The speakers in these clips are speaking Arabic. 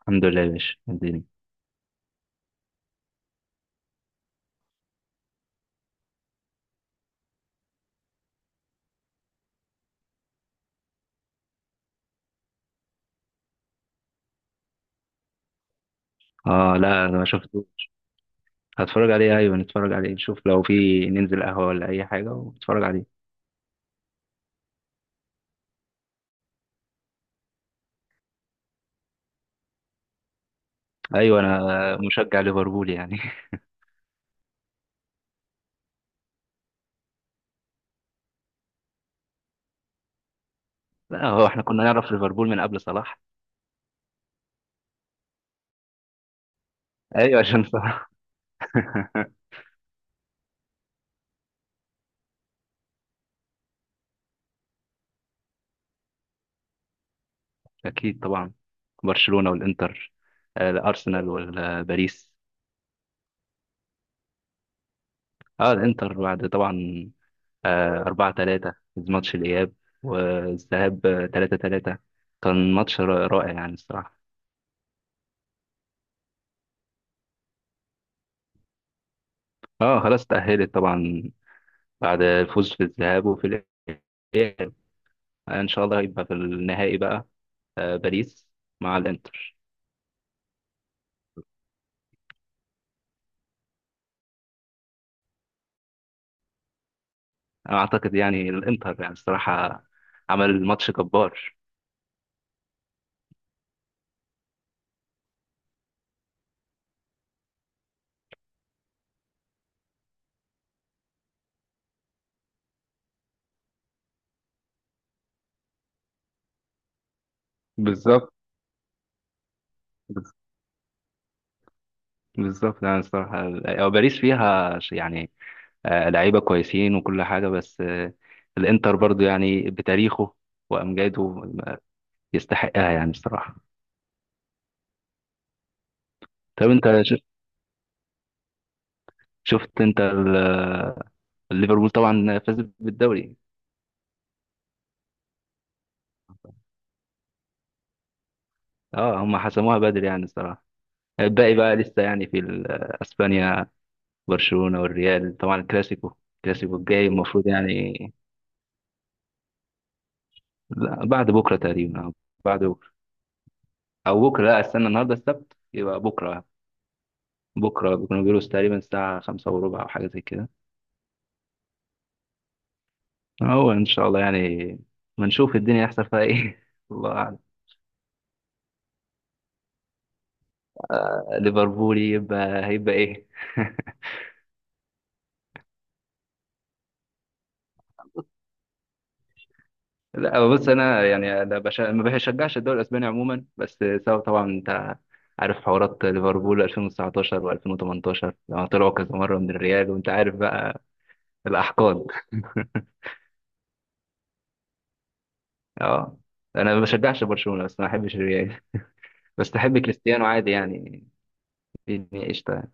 الحمد لله يا باشا. الدنيا اه، لا انا ما شفته. هتفرج عليه، ايوه نتفرج عليه. نشوف لو في، ننزل قهوه ولا اي حاجه ونتفرج عليه. ايوه، انا مشجع ليفربول يعني لا، هو احنا كنا نعرف ليفربول من قبل صلاح. ايوه عشان صلاح اكيد طبعا. برشلونه والانتر. الارسنال والباريس. اه الانتر بعد طبعا. 4-3 ماتش الاياب والذهاب 3-3. كان ماتش رائع يعني الصراحه. اه خلاص تأهلت طبعا بعد الفوز في الذهاب وفي الإياب. إن شاء الله هيبقى في النهائي بقى. باريس مع الإنتر. أنا أعتقد يعني الإنتر يعني الصراحة عمل ماتش جبار. بالظبط. بالظبط يعني الصراحة، أو باريس فيها يعني لعيبة كويسين وكل حاجة، بس الإنتر برضو يعني بتاريخه وأمجاده، آه، يستحقها يعني الصراحة. طب أنت شفت أنت ليفربول طبعا فاز بالدوري. اه هم حسموها بدري يعني الصراحة. الباقي بقى لسه يعني اسبانيا، برشلونة والريال طبعا الكلاسيكو. الكلاسيكو الجاي المفروض يعني، لا، بعد بكره تقريبا أو بعد بكره، او بكره، لا استنى النهارده السبت يبقى بكره. بكره بيكونوا بيقولوا تقريبا الساعه خمسة وربع او حاجه زي كده. هو ان شاء الله يعني ما نشوف الدنيا يحصل فيها ايه الله اعلم. ليفربول يبقى هيبقى ايه لا، هو بص انا يعني أنا ما بشجعش الدوري الاسباني عموما. بس سبب طبعا انت عارف حوارات ليفربول 2019 و2018 لما طلعوا كذا مره من الريال وانت عارف بقى الاحقاد اه انا ما بشجعش برشلونه بس ما احبش الريال. بس احب كريستيانو عادي يعني. الدنيا قشطه يعني.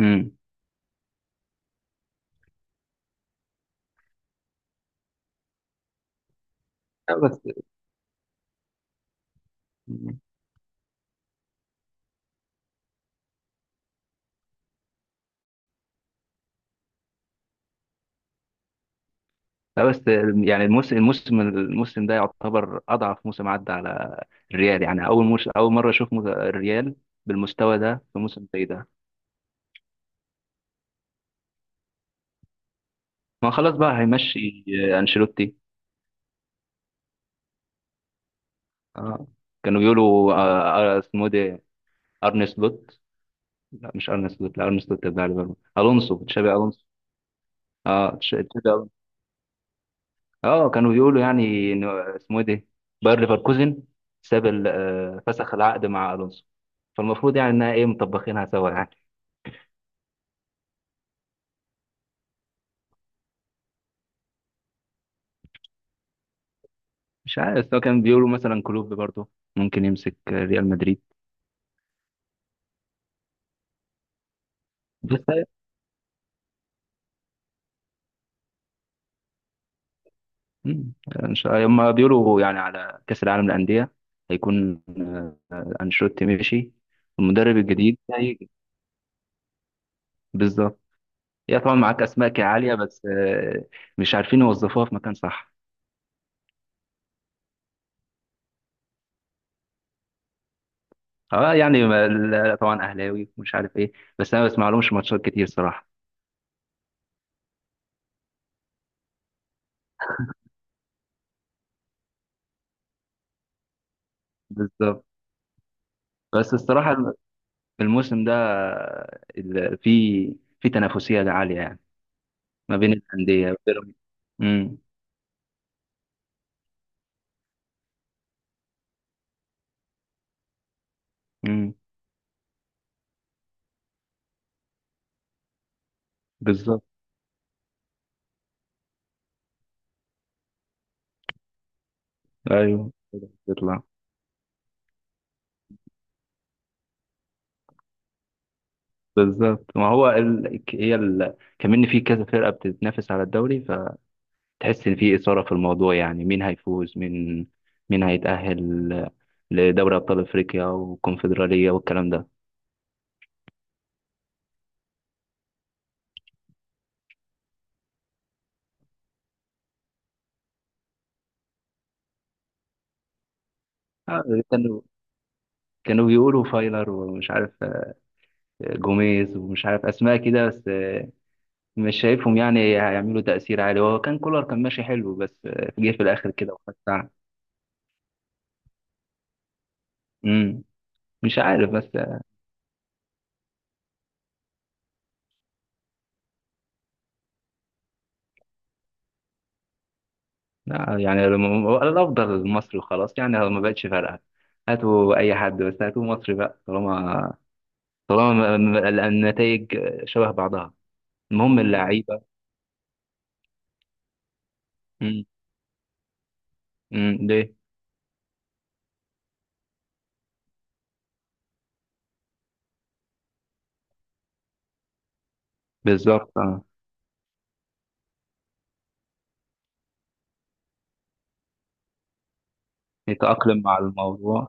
امم. لا بس لا بس، يعني الموسم ده يعتبر اضعف موسم عدى على الريال. يعني اول مره اشوف الريال بالمستوى ده في موسم زي ده. ما خلاص بقى هيمشي انشيلوتي. آه. كانوا بيقولوا اسمه إيه ده؟ ارني سلوت. لا، مش ارني سلوت، لا ارني سلوت بتاع ليفربول. الونسو، تشابي الونسو. اه تشابي الونسو. اه كانوا بيقولوا يعني إنه اسمه إيه ده، باير ليفركوزن ساب فسخ العقد مع الونسو. فالمفروض يعني انها ايه، مطبخينها سوا يعني. مش عارف، بس هو كان بيقولوا مثلا كلوب برضه ممكن يمسك ريال مدريد. بس يعني ان شاء الله هم بيقولوا يعني على كأس العالم للأندية هيكون أنشيلوتي مشي، المدرب الجديد هيجي. بالظبط. هي طبعا معاك أسماء عالية، بس مش عارفين يوظفوها في مكان صح. اه يعني طبعا أهلاوي ومش عارف ايه، بس انا ما بسمع لهمش ماتشات كتير صراحة. بالظبط. بس الصراحة الموسم ده في تنافسية عالية يعني ما بين الأندية. بيراميدز. مم. مم. بالظبط. ايوه، بيطلع. بالظبط، ما هو كمان في كذا فرقة بتتنافس على الدوري. فتحس ان في إثارة في الموضوع يعني مين هيفوز، مين هيتأهل لدوري أبطال أفريقيا والكونفدرالية والكلام ده. آه، كانوا كانوا بيقولوا فايلر ومش عارف، جوميز ومش عارف أسماء كده، بس مش شايفهم يعني هيعملوا تأثير عالي. هو كان كولر، كان ماشي حلو بس جه في الآخر كده وخد ساعة. مم. مش عارف، بس لا يعني الافضل المصري وخلاص، يعني ما بقتش فارقه. هاتوا اي حد، بس هاتوا مصري بقى. طالما النتائج شبه بعضها. المهم اللعيبه. امم. امم، ليه؟ بالظبط، اه. يتاقلم مع الموضوع.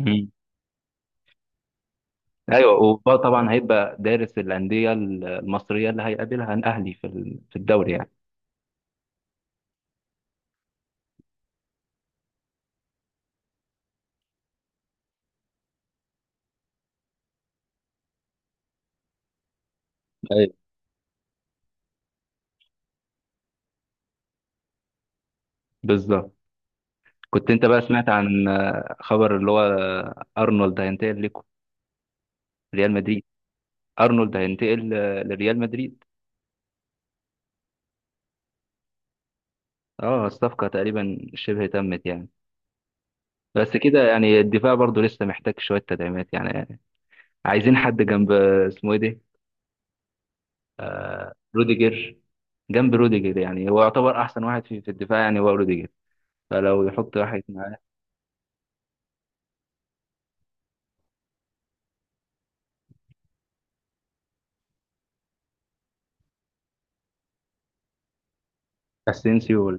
امم. ايوه، وطبعا هيبقى دارس الانديه المصريه اللي هيقابلها الاهلي في الدوري يعني. ايوه، بالظبط. كنت انت بقى سمعت عن خبر اللي هو ارنولد هينتقل لكم ريال مدريد؟ ارنولد هينتقل لريال مدريد. اه الصفقة تقريبا شبه تمت يعني. بس كده يعني الدفاع برضو لسه محتاج شوية تدعيمات يعني. عايزين حد جنب، اسمه ايه ده، آه روديجر. جنب روديجر، يعني هو يعتبر أحسن واحد في الدفاع يعني، هو روديجر. فلو يحط واحد معاه اسينسيو ولا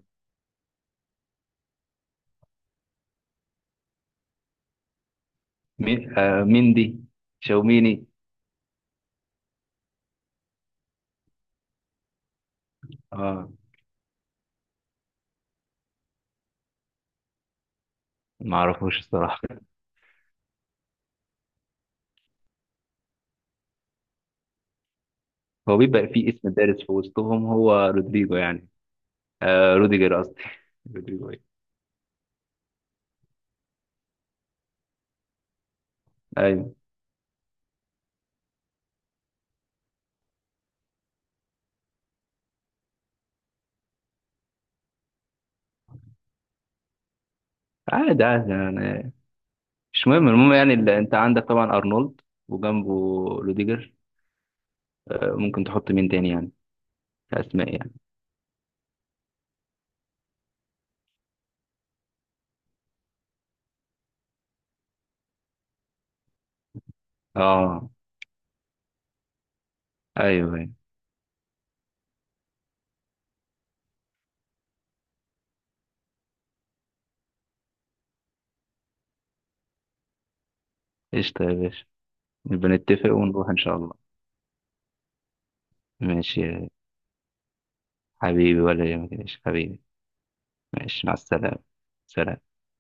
مين، ميندي، شاوميني، اه ما اعرفوش الصراحة. هو بيبقى فيه اسم دارس في وسطهم هو رودريجو يعني، آه روديجر قصدي. رودريجو إيه؟ ايوه عادي عادي يعني، مش مهم. المهم يعني اللي انت عندك طبعا ارنولد وجنبه روديجر، ممكن تحط مين تاني يعني كاسماء يعني؟ اه، ايوه ايوه. قشطه يا باشا. نبقى نتفق ونروح ان شاء الله. ماشي يا حبيبي، ولا يهمك يا باشا حبيبي. ماشي، مع السلامه. سلام.